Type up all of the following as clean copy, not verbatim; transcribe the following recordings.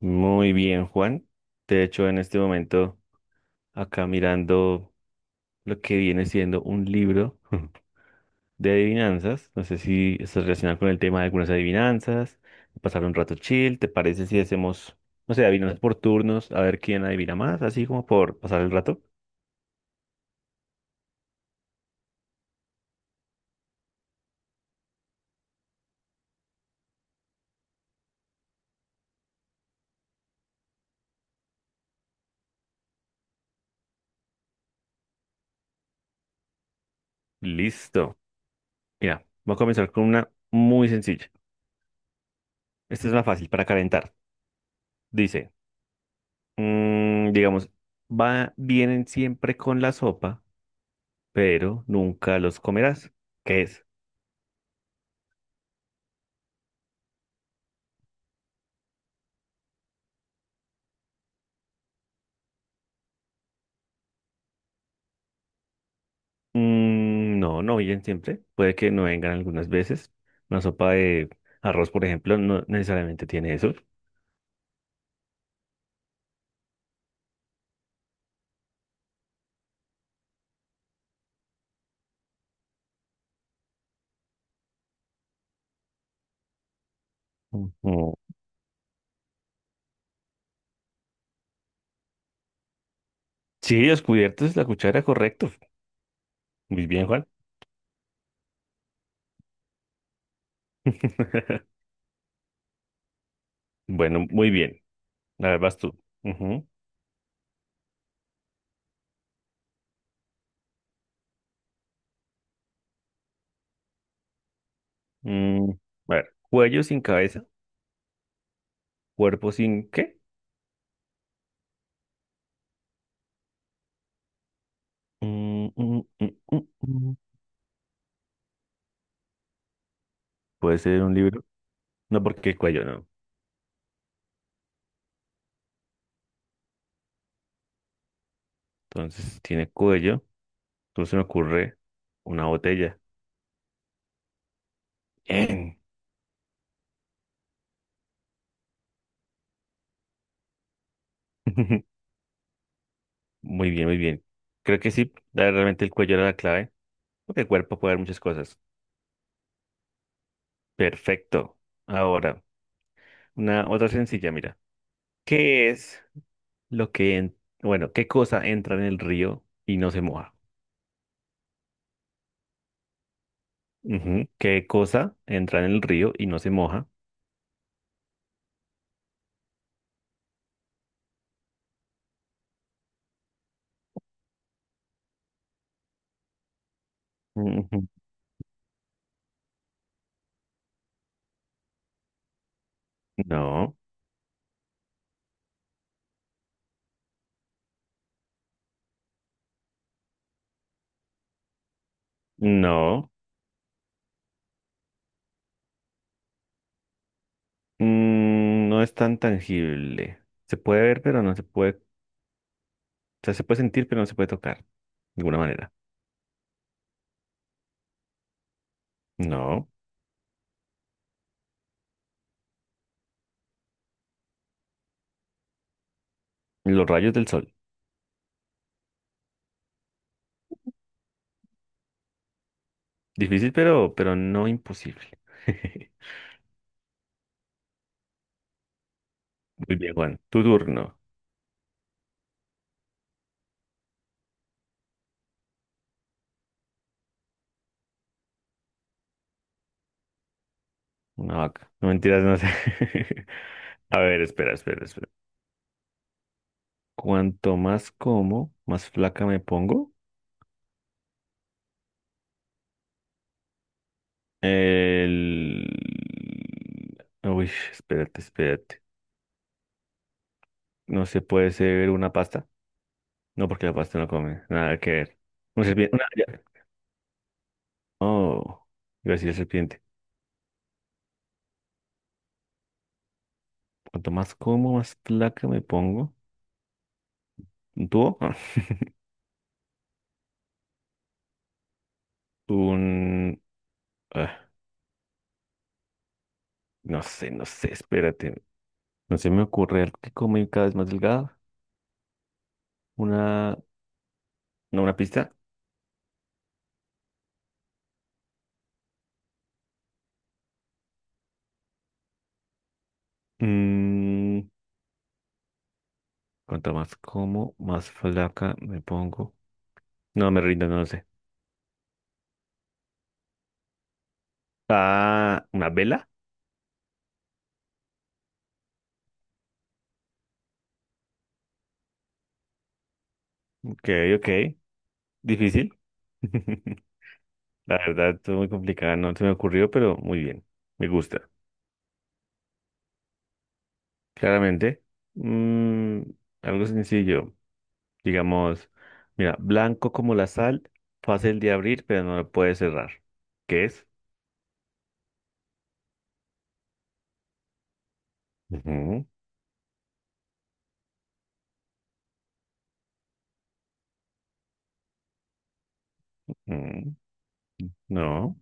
Muy bien, Juan. De hecho, en este momento, acá mirando lo que viene siendo un libro de adivinanzas. No sé si estás relacionado con el tema de algunas adivinanzas. Pasar un rato chill. ¿Te parece si hacemos, no sé, adivinanzas por turnos? A ver quién adivina más, así como por pasar el rato. Listo. Mira, voy a comenzar con una muy sencilla. Esta es una fácil para calentar. Dice, digamos, vienen siempre con la sopa pero nunca los comerás. ¿Qué es? Mm, no, no vienen siempre. Puede que no vengan algunas veces. Una sopa de arroz, por ejemplo, no necesariamente tiene eso. Ujú. Sí, los cubiertos, es la cuchara, correcto. Muy bien, Juan. Bueno, muy bien. A ver, vas tú. Ujú. Mm, a ver, cuello sin cabeza, cuerpo sin qué. Mm, mm, mm, mm, mm. Puede ser un libro. No, porque cuello no. Entonces tiene cuello. Entonces se me ocurre una botella. Bien. Muy bien, muy bien. Creo que sí, realmente el cuello era la clave, porque el cuerpo puede dar muchas cosas. Perfecto. Ahora, una otra sencilla, mira. ¿Qué es lo que, bueno, qué cosa entra en el río y no se moja? Ujú. ¿Qué cosa entra en el río y no se moja? Ujú. No, no, no es tan tangible. Se puede ver, pero no se puede, o sea, se puede sentir, pero no se puede tocar, de alguna manera. No, los rayos del sol. Difícil, pero no imposible. Muy bien, Juan. Tu turno. Una vaca. No mentiras, no sé. A ver, espera, espera, espera. Cuanto más como, más flaca me pongo. El... Uy, espérate, espérate. No se puede ser una pasta. No, porque la pasta no come. Nada que ver. Una serpiente. Una... ya. Oh, iba a decir serpiente. Cuanto más como, más flaca me pongo. ¿Un tubo? Un... No sé, no sé, espérate. No se me ocurre algo que come cada vez más delgado. Una, no, una pista. Mm, cuanto más como, más flaca me pongo. No, me rindo, no lo sé. Ah, una vela. Ok, ok. Difícil. La verdad, es muy complicada. No se me ocurrió, pero muy bien. Me gusta. Claramente. Mm, algo sencillo. Digamos, mira, blanco como la sal, fácil de abrir, pero no lo puedes cerrar. ¿Qué es? Ujú, mm, no.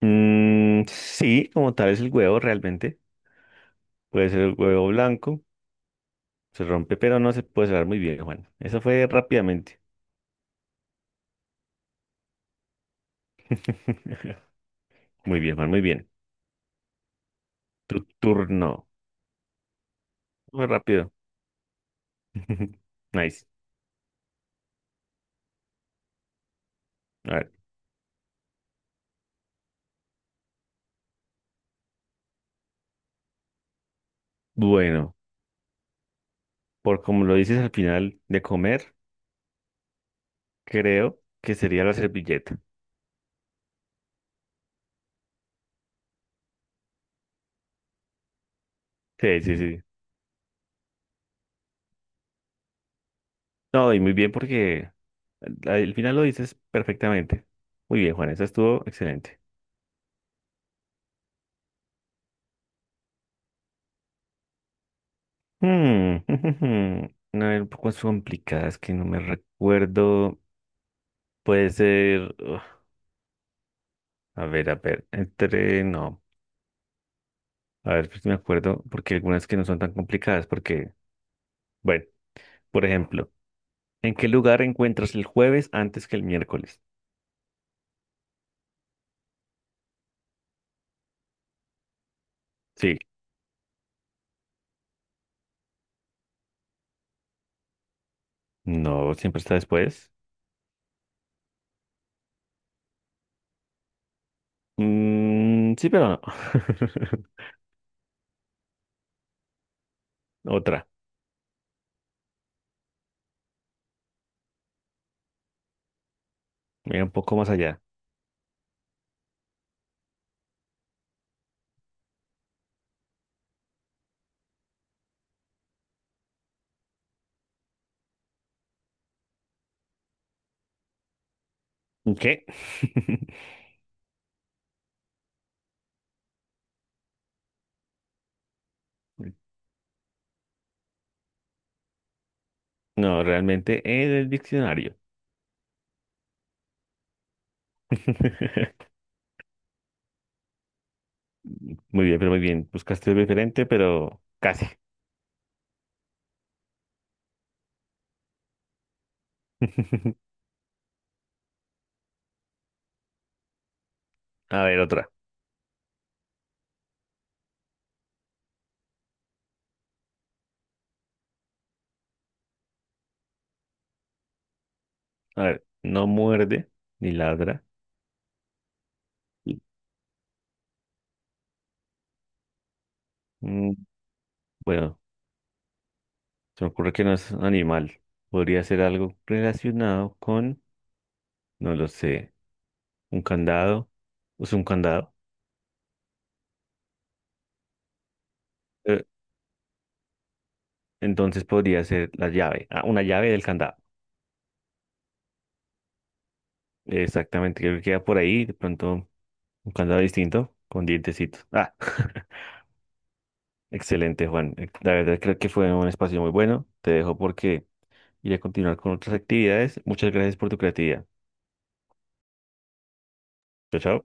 Mm, sí, como tal es el huevo realmente. Puede ser el huevo blanco. Se rompe, pero no se puede cerrar muy bien, Juan. Eso fue rápidamente. Muy bien, Juan, muy bien. Tu turno. Muy rápido. Nice. A ver. Bueno, por como lo dices al final de comer, creo que sería la servilleta. Sí, sí, sí. No, y muy bien porque al final lo dices perfectamente. Muy bien, Juan, eso estuvo excelente. Hmm, a ver, un poco complicadas que no me recuerdo. Puede ser. Uf, a ver, a ver. Entre. No. A ver, pues me acuerdo. Porque algunas que no son tan complicadas. Porque, bueno, por ejemplo, ¿en qué lugar encuentras el jueves antes que el miércoles? Sí. No, siempre está después. Mm, sí, pero no. Otra. Mira un poco más allá. ¿Qué? No, realmente en el diccionario. Muy bien, pero muy bien. Buscaste algo diferente, pero casi. A ver, otra. A ver, no muerde ni ladra. Mm, Bueno, se me ocurre que no es un animal. Podría ser algo relacionado con, no lo sé, un candado. Es un candado. Eh, entonces podría ser la llave. Ah, una llave del candado. Exactamente, creo que queda por ahí. De pronto, un candado distinto con dientecitos. Ah, excelente, Juan. La verdad creo que fue un espacio muy bueno. Te dejo porque y a continuar con otras actividades. Muchas gracias por tu creatividad. Chao, chao.